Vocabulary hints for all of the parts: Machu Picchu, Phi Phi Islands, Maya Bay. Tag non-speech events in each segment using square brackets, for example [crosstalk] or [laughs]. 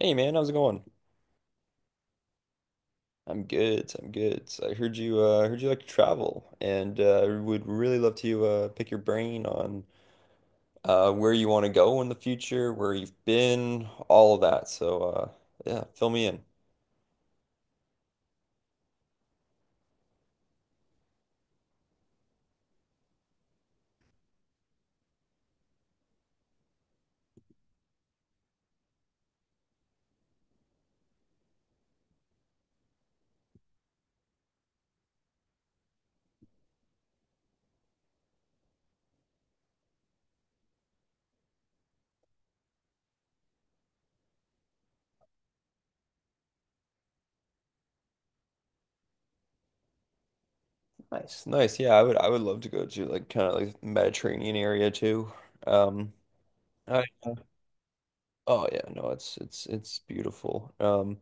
Hey man, how's it going? I'm good. I'm good. So I heard you like to travel and would really love to pick your brain on where you want to go in the future, where you've been, all of that. So yeah, fill me in. Nice. Nice. Yeah, I would love to go to like kind of like Mediterranean area too. Um I oh yeah, no, it's beautiful. Um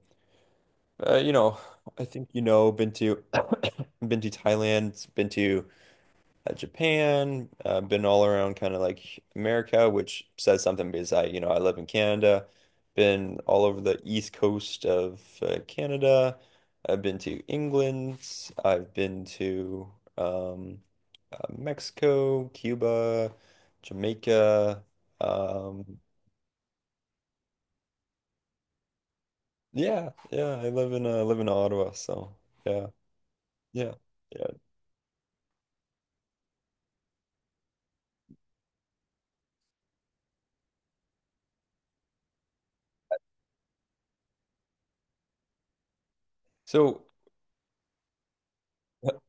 uh, You know, I think you know, been to [coughs] been to Thailand, been to Japan, been all around kind of like America, which says something because I, you know, I live in Canada, been all over the east coast of Canada. I've been to England, I've been to um, Mexico, Cuba, Jamaica. Um, yeah, yeah, I live in live in Ottawa, so yeah, yeah, yeah. So.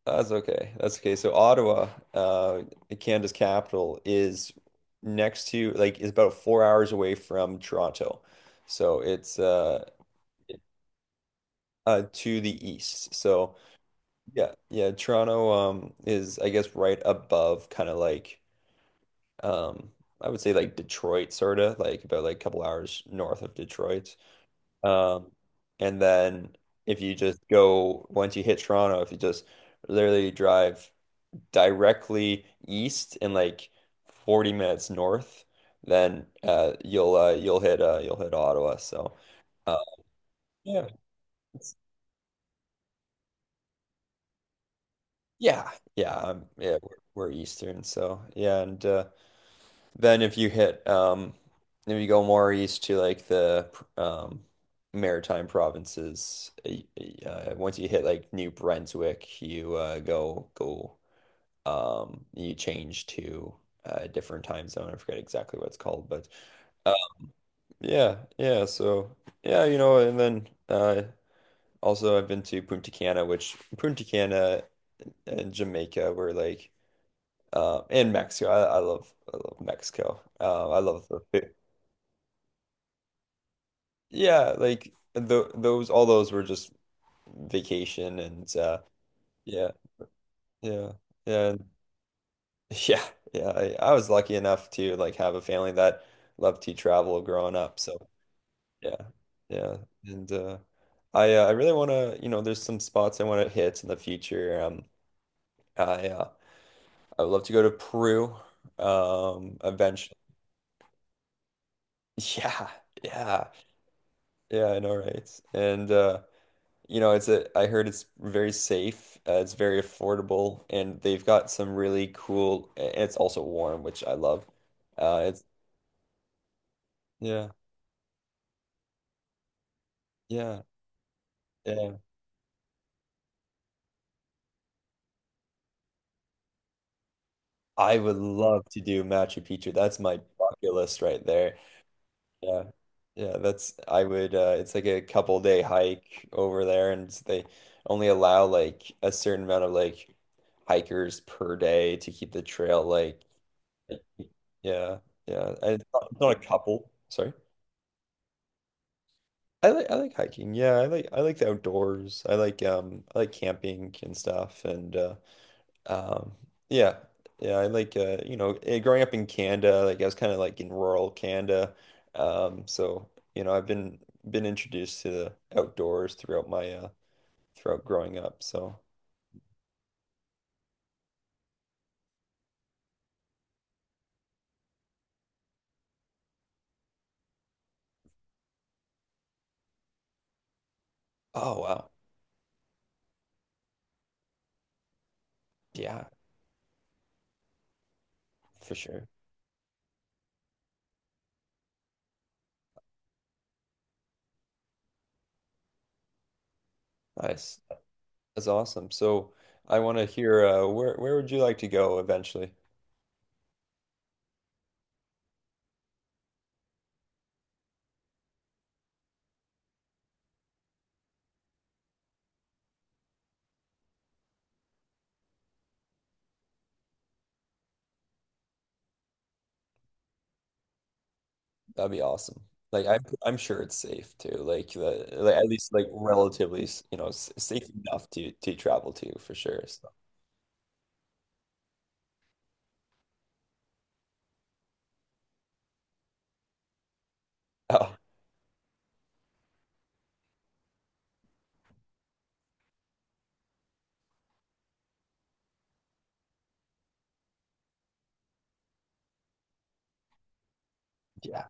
That's okay. That's okay. So Ottawa, Canada's capital, is next to like is about 4 hours away from Toronto. So it's to the east. So yeah, yeah, Toronto is I guess right above kind of like um I would say like Detroit, sort of like about like a couple hours north of Detroit. Um and then if you just go, once you hit Toronto, if you just literally drive directly east and like 40 minutes north, then you'll hit Ottawa. So uh, yeah, it's- yeah, yeah, yeah. We're Eastern, so yeah, and then if you hit if you go more east to like the um, Maritime provinces, once you hit like New Brunswick, you go go you change to a different time zone. I forget exactly what it's called, but. Yeah, yeah. So yeah, you know, and then also I've been to Punta Cana, which Punta Cana and Jamaica were like and Mexico. I love Mexico. I love the food. Yeah, like those all those were just vacation and yeah, yeah. And [laughs] yeah, yeah. I was lucky enough to like have a family that loved to travel growing up. So yeah, yeah, and I really want to, you know, there's some spots I want to hit in the future. I uh, I would love to go to Peru, eventually. [laughs] Yeah, yeah, yeah, I know, right? And you know, it's a I heard it's very safe, it's very affordable, and they've got some really cool, and it's also warm, which I love. It's yeah, yeah, yeah. I would love to do Machu Picchu. That's my bucket list right there. Yeah. Yeah, that's I would it's like a couple day hike over there and they only allow like a certain amount of like hikers per day to keep the trail like yeah, yeah. And it's not a couple, sorry. I like hiking. Yeah, I like the outdoors. I like camping and stuff and um, yeah, yeah, I like you know, eh, growing up in Canada, like I was kind of like in rural Canada. So you know, I've been introduced to the outdoors throughout my throughout growing up. So, oh wow. Yeah, for sure. Nice. That's awesome. So, I want to hear where would you like to go eventually? That'd be awesome. I'm sure it's safe too. Like the like at least like relatively, you know, safe enough to travel to for sure. So, [laughs] oh. Yeah.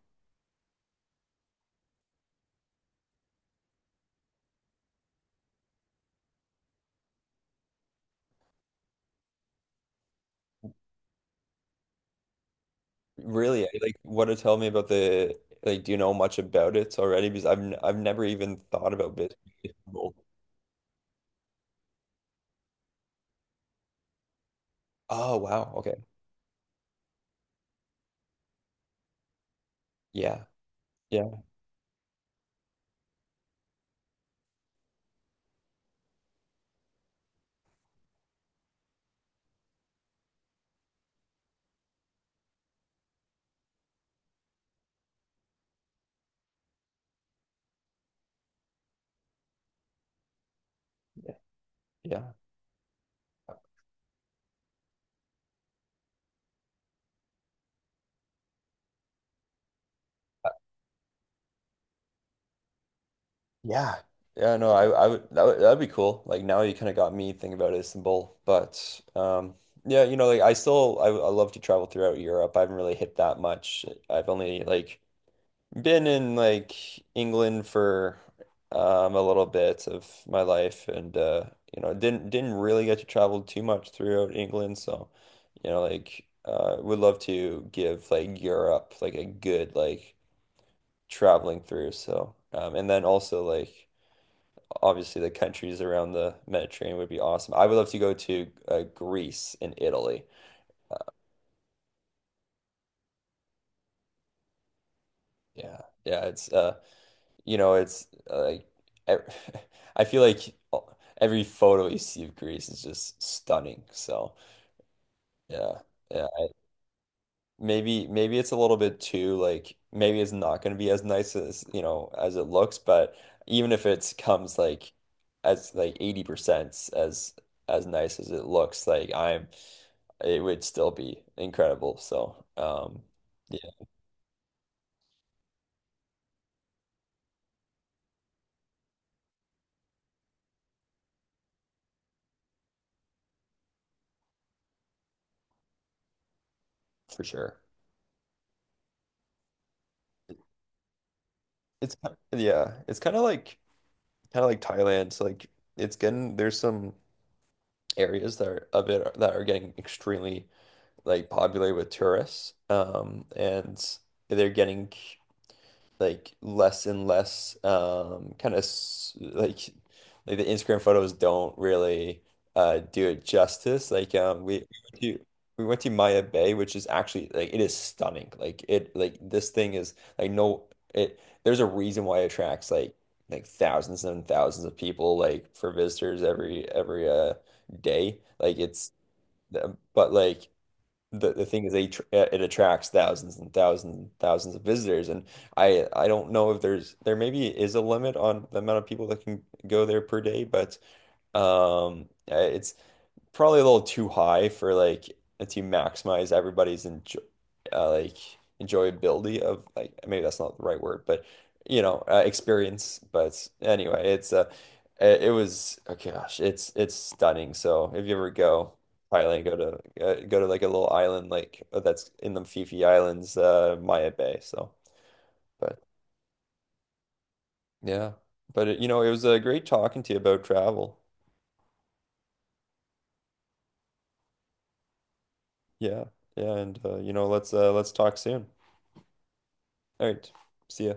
Really, like what to tell me about the like. Do you know much about it already? Because I've never even thought about business. School. Oh wow. Okay. Yeah. Yeah. Yeah. Yeah. Uh, yeah. Yeah. No, I would that would that'd be cool. Like now you kind of got me thinking about Istanbul, but yeah, you know, like I love to travel throughout Europe. I haven't really hit that much. I've only like been in like England for a little bit of my life, and you know, didn't really get to travel too much throughout England. So, you know, like would love to give like Europe like a good like traveling through. So, and then also like obviously the countries around the Mediterranean would be awesome. I would love to go to Greece and Italy. Yeah, yeah, it's you know, it's like e- [laughs] I feel like every photo you see of Greece is just stunning. So yeah, yeah. Maybe maybe it's a little bit too like maybe it's not going to be as nice as you know as it looks, but even if it comes like as like 80% as nice as it looks, like I'm it would still be incredible. So yeah, for sure. Yeah, it's kind of like Thailand. So like it's getting there's some areas that are of it that are getting extremely like popular with tourists. And they're getting like less and less kind of like like the Instagram photos don't really do it justice like went to we went to Maya Bay, which is actually like it is stunning, like it, like this thing is like no it there's a reason why it attracts like thousands and thousands of people like for visitors every day like it's but like the thing is it attracts thousands and thousands and thousands of visitors and I don't know if there's there maybe is a limit on the amount of people that can go there per day but it's probably a little too high for like to maximize everybody's enjoy uh, like enjoyability of like maybe that's not the right word, but you know, experience. But anyway, it's it was oh gosh, it's stunning. So if you ever go Thailand, go to go to like a little island like that's in the Phi Phi Islands, Maya Bay. So, but yeah. But it, you know, it was great talking to you about travel. Yeah. Yeah, and you know, let's talk soon. All right. See ya.